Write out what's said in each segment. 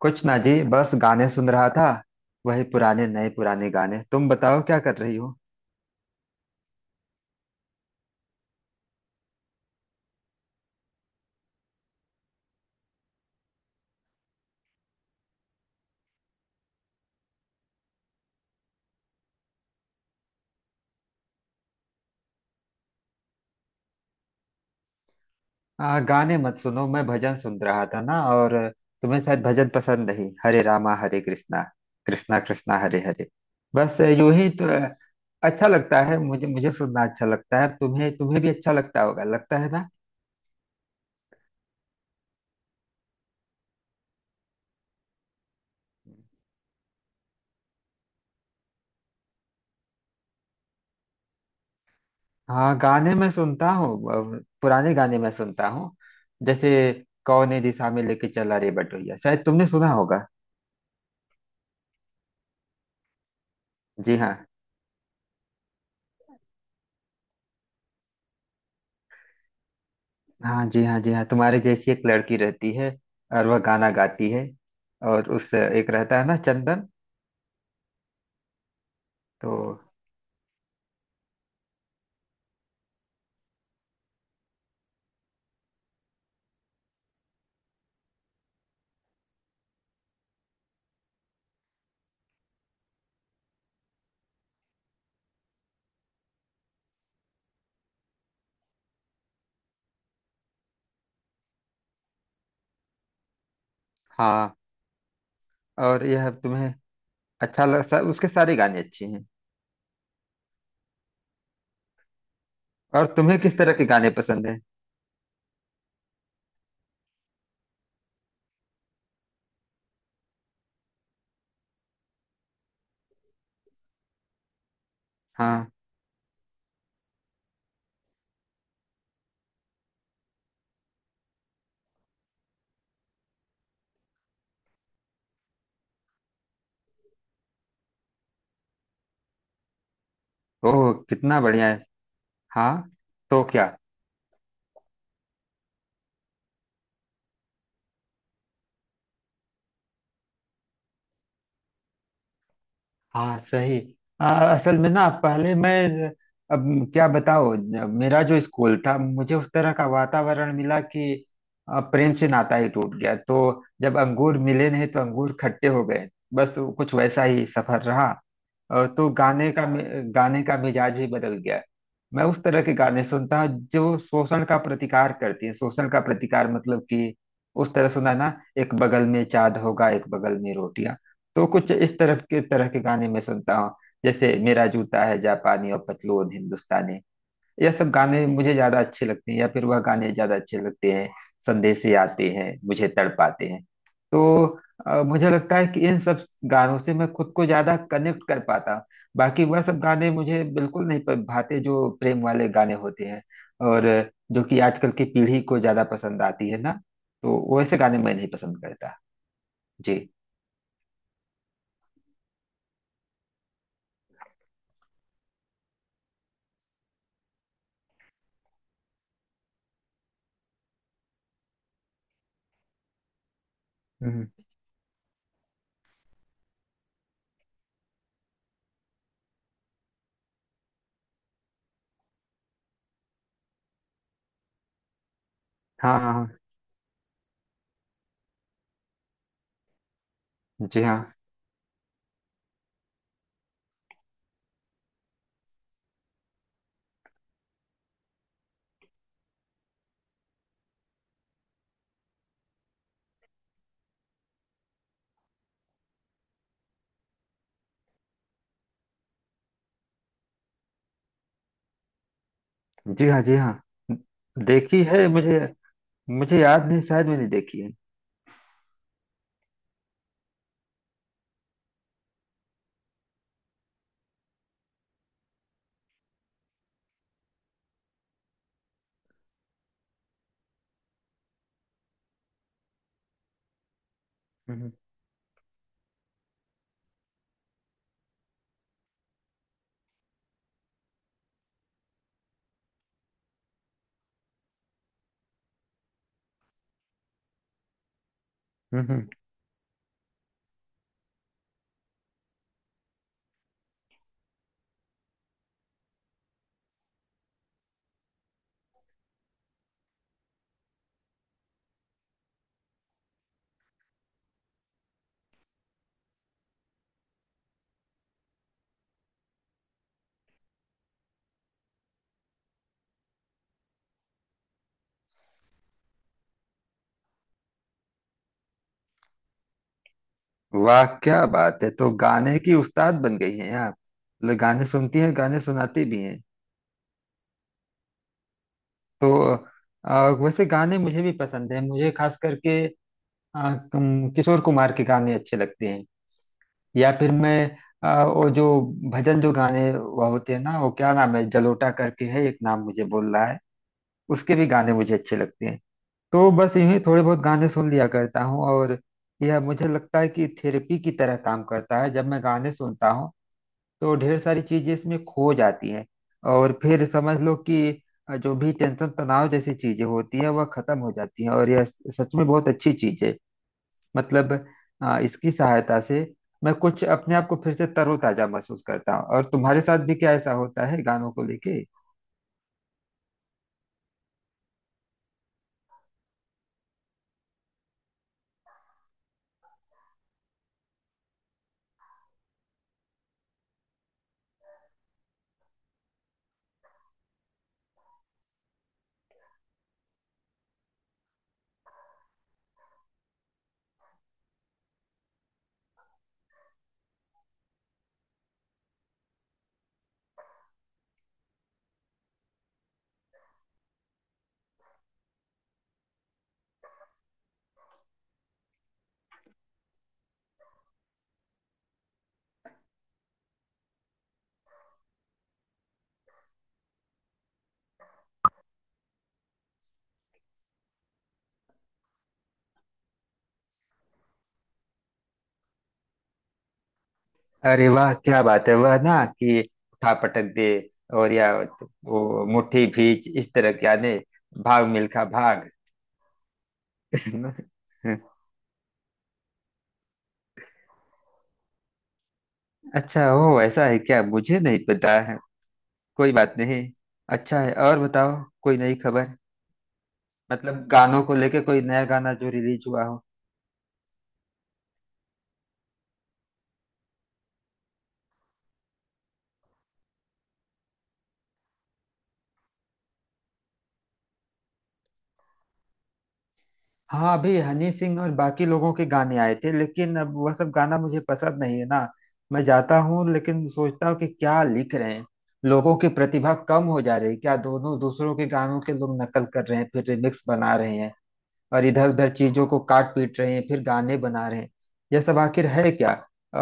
कुछ ना जी, बस गाने सुन रहा था। वही पुराने, नए पुराने गाने। तुम बताओ, क्या कर रही हो? गाने मत सुनो, मैं भजन सुन रहा था ना। और तुम्हें शायद भजन पसंद नहीं। हरे रामा हरे कृष्णा, कृष्णा कृष्णा हरे हरे। बस यूं ही तो अच्छा लगता है मुझे, सुनना अच्छा लगता है। तुम्हें तुम्हें भी अच्छा लगता होगा, लगता है ना? हाँ, गाने मैं सुनता हूँ। पुराने गाने मैं सुनता हूँ, जैसे कौने दिशा में लेके चला रे बटोहिया। शायद तुमने सुना होगा। जी हाँ। हाँ जी, हाँ जी, हाँ, तुम्हारे जैसी एक लड़की रहती है और वह गाना गाती है, और उस एक रहता है ना, चंदन। तो हाँ, और यह तुम्हें उसके सारे गाने अच्छे हैं। और तुम्हें किस तरह के गाने पसंद है? हाँ। ओह, कितना बढ़िया है। हाँ, तो क्या। हाँ सही। आ, असल में ना, पहले मैं, अब क्या बताओ, मेरा जो स्कूल था, मुझे उस तरह का वातावरण मिला कि प्रेम से नाता ही टूट गया। तो जब अंगूर मिले नहीं तो अंगूर खट्टे हो गए। बस कुछ वैसा ही सफर रहा, और तो गाने का मिजाज ही बदल गया है। मैं उस तरह के गाने सुनता हूँ जो शोषण का प्रतिकार करती है। शोषण का प्रतिकार मतलब कि उस तरह सुना ना, एक बगल में चाँद होगा, एक बगल में रोटियां। तो कुछ इस तरह के गाने मैं सुनता हूँ। जैसे मेरा जूता है जापानी और पतलून हिंदुस्तानी। यह सब गाने मुझे ज्यादा अच्छे लगते हैं, या फिर वह गाने ज्यादा अच्छे लगते हैं। संदेशे आते हैं मुझे तड़पाते हैं। तो मुझे लगता है कि इन सब गानों से मैं खुद को ज्यादा कनेक्ट कर पाता हूँ। बाकी वह सब गाने मुझे बिल्कुल नहीं भाते, जो प्रेम वाले गाने होते हैं और जो कि आजकल की पीढ़ी को ज्यादा पसंद आती है ना। तो वैसे गाने मैं नहीं पसंद करता। जी। हम्म हाँ हाँ हाँ। जी हाँ, जी हाँ, जी हाँ, देखी है। मुझे मुझे याद नहीं, शायद मैंने देखी है। हम्म। हम्म। वाह क्या बात है। तो गाने की उस्ताद बन गई हैं आप। मतलब गाने सुनती हैं, गाने सुनाती भी हैं। तो वैसे गाने मुझे भी पसंद हैं। मुझे खास करके अ, किशोर कुमार के गाने अच्छे लगते हैं। या फिर मैं वो जो भजन जो गाने वो होते हैं ना, वो क्या नाम है, जलोटा करके है एक नाम, मुझे बोल रहा है। उसके भी गाने मुझे अच्छे लगते हैं। तो बस यूं ही थोड़े बहुत गाने सुन लिया करता हूँ। और यह मुझे लगता है कि थेरेपी की तरह काम करता है। जब मैं गाने सुनता हूँ तो ढेर सारी चीजें इसमें खो जाती हैं, और फिर समझ लो कि जो भी टेंशन, तनाव जैसी चीजें होती है वह खत्म हो जाती हैं, और यह सच में बहुत अच्छी चीज है। मतलब इसकी सहायता से मैं कुछ अपने आप को फिर से तरोताजा महसूस करता हूँ। और तुम्हारे साथ भी क्या ऐसा होता है गानों को लेके? अरे वाह क्या बात है। वह ना कि उठा पटक दे, और या वो मुट्ठी भींच, इस तरह के आने, भाग मिल्खा भाग। अच्छा, हो ऐसा है क्या, मुझे नहीं पता। कोई बात नहीं। अच्छा है, और बताओ कोई नई खबर, मतलब गानों को लेके कोई नया गाना जो रिलीज हुआ हो? हाँ, अभी हनी सिंह और बाकी लोगों के गाने आए थे, लेकिन अब वह सब गाना मुझे पसंद नहीं है ना। मैं जाता हूँ लेकिन सोचता हूँ कि क्या लिख रहे हैं। लोगों की प्रतिभा कम हो जा रही है क्या? दोनों दूसरों के गानों के लोग नकल कर रहे हैं, फिर रिमिक्स बना रहे हैं, और इधर उधर चीजों को काट पीट रहे हैं, फिर गाने बना रहे हैं। यह सब आखिर है क्या?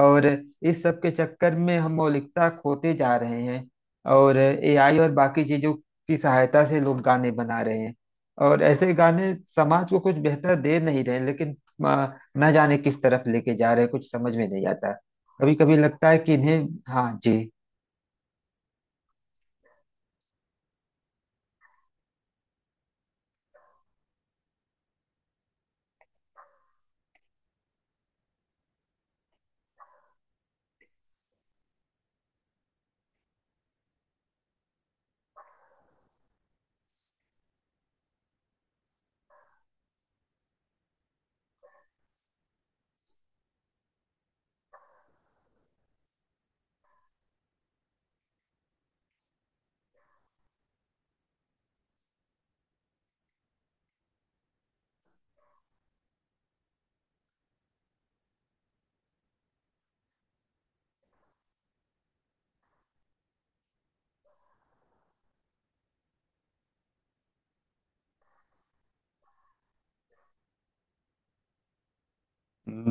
और इस सब के चक्कर में हम मौलिकता खोते जा रहे हैं। और एआई और बाकी चीजों की सहायता से लोग गाने बना रहे हैं, और ऐसे गाने समाज को कुछ बेहतर दे नहीं रहे लेकिन आ, न जाने किस तरफ लेके जा रहे हैं, कुछ समझ में नहीं आता। कभी कभी लगता है कि इन्हें, हाँ जी।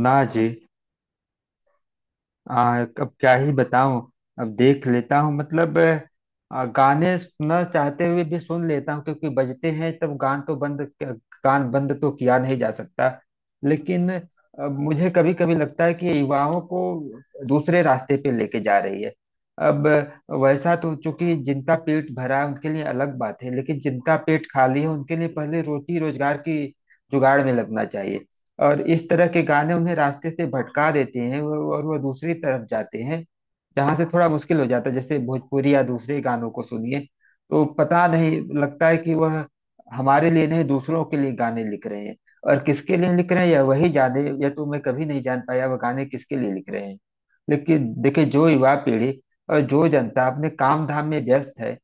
ना जी, अब क्या ही बताऊं। अब देख लेता हूं, मतलब गाने सुनना चाहते हुए भी सुन लेता हूं, क्योंकि बजते हैं तब गान बंद तो किया नहीं जा सकता। लेकिन अब मुझे कभी कभी लगता है कि युवाओं को दूसरे रास्ते पे लेके जा रही है। अब वैसा तो चूंकि जिनका पेट भरा है उनके लिए अलग बात है, लेकिन जिनका पेट खाली है उनके लिए पहले रोटी रोजगार की जुगाड़ में लगना चाहिए। और इस तरह के गाने उन्हें रास्ते से भटका देते हैं, और वह दूसरी तरफ जाते हैं जहां से थोड़ा मुश्किल हो जाता है। जैसे भोजपुरी या दूसरे गानों को सुनिए, तो पता नहीं लगता है कि वह हमारे लिए नहीं, दूसरों के लिए गाने लिख रहे हैं। और किसके लिए लिख रहे हैं यह वही जाने, या तो मैं कभी नहीं जान पाया वह गाने किसके लिए लिख रहे हैं। लेकिन देखिए, जो युवा पीढ़ी और जो जनता अपने काम धाम में व्यस्त है,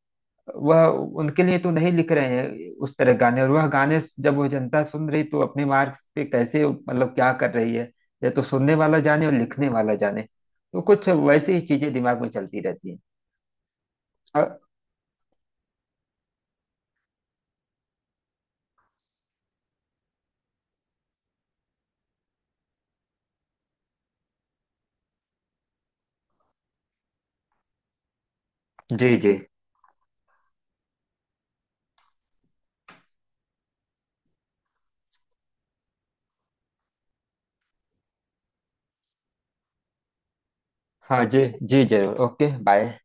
वह, उनके लिए तो नहीं लिख रहे हैं उस तरह गाने। और वह गाने जब वो जनता सुन रही तो अपने मार्क्स पे कैसे, मतलब क्या कर रही है, या तो सुनने वाला जाने और लिखने वाला जाने। तो कुछ वैसी ही चीजें दिमाग में चलती रहती हैं। अ, जी जी। हाँ जी जी, जरूर। Okay bye.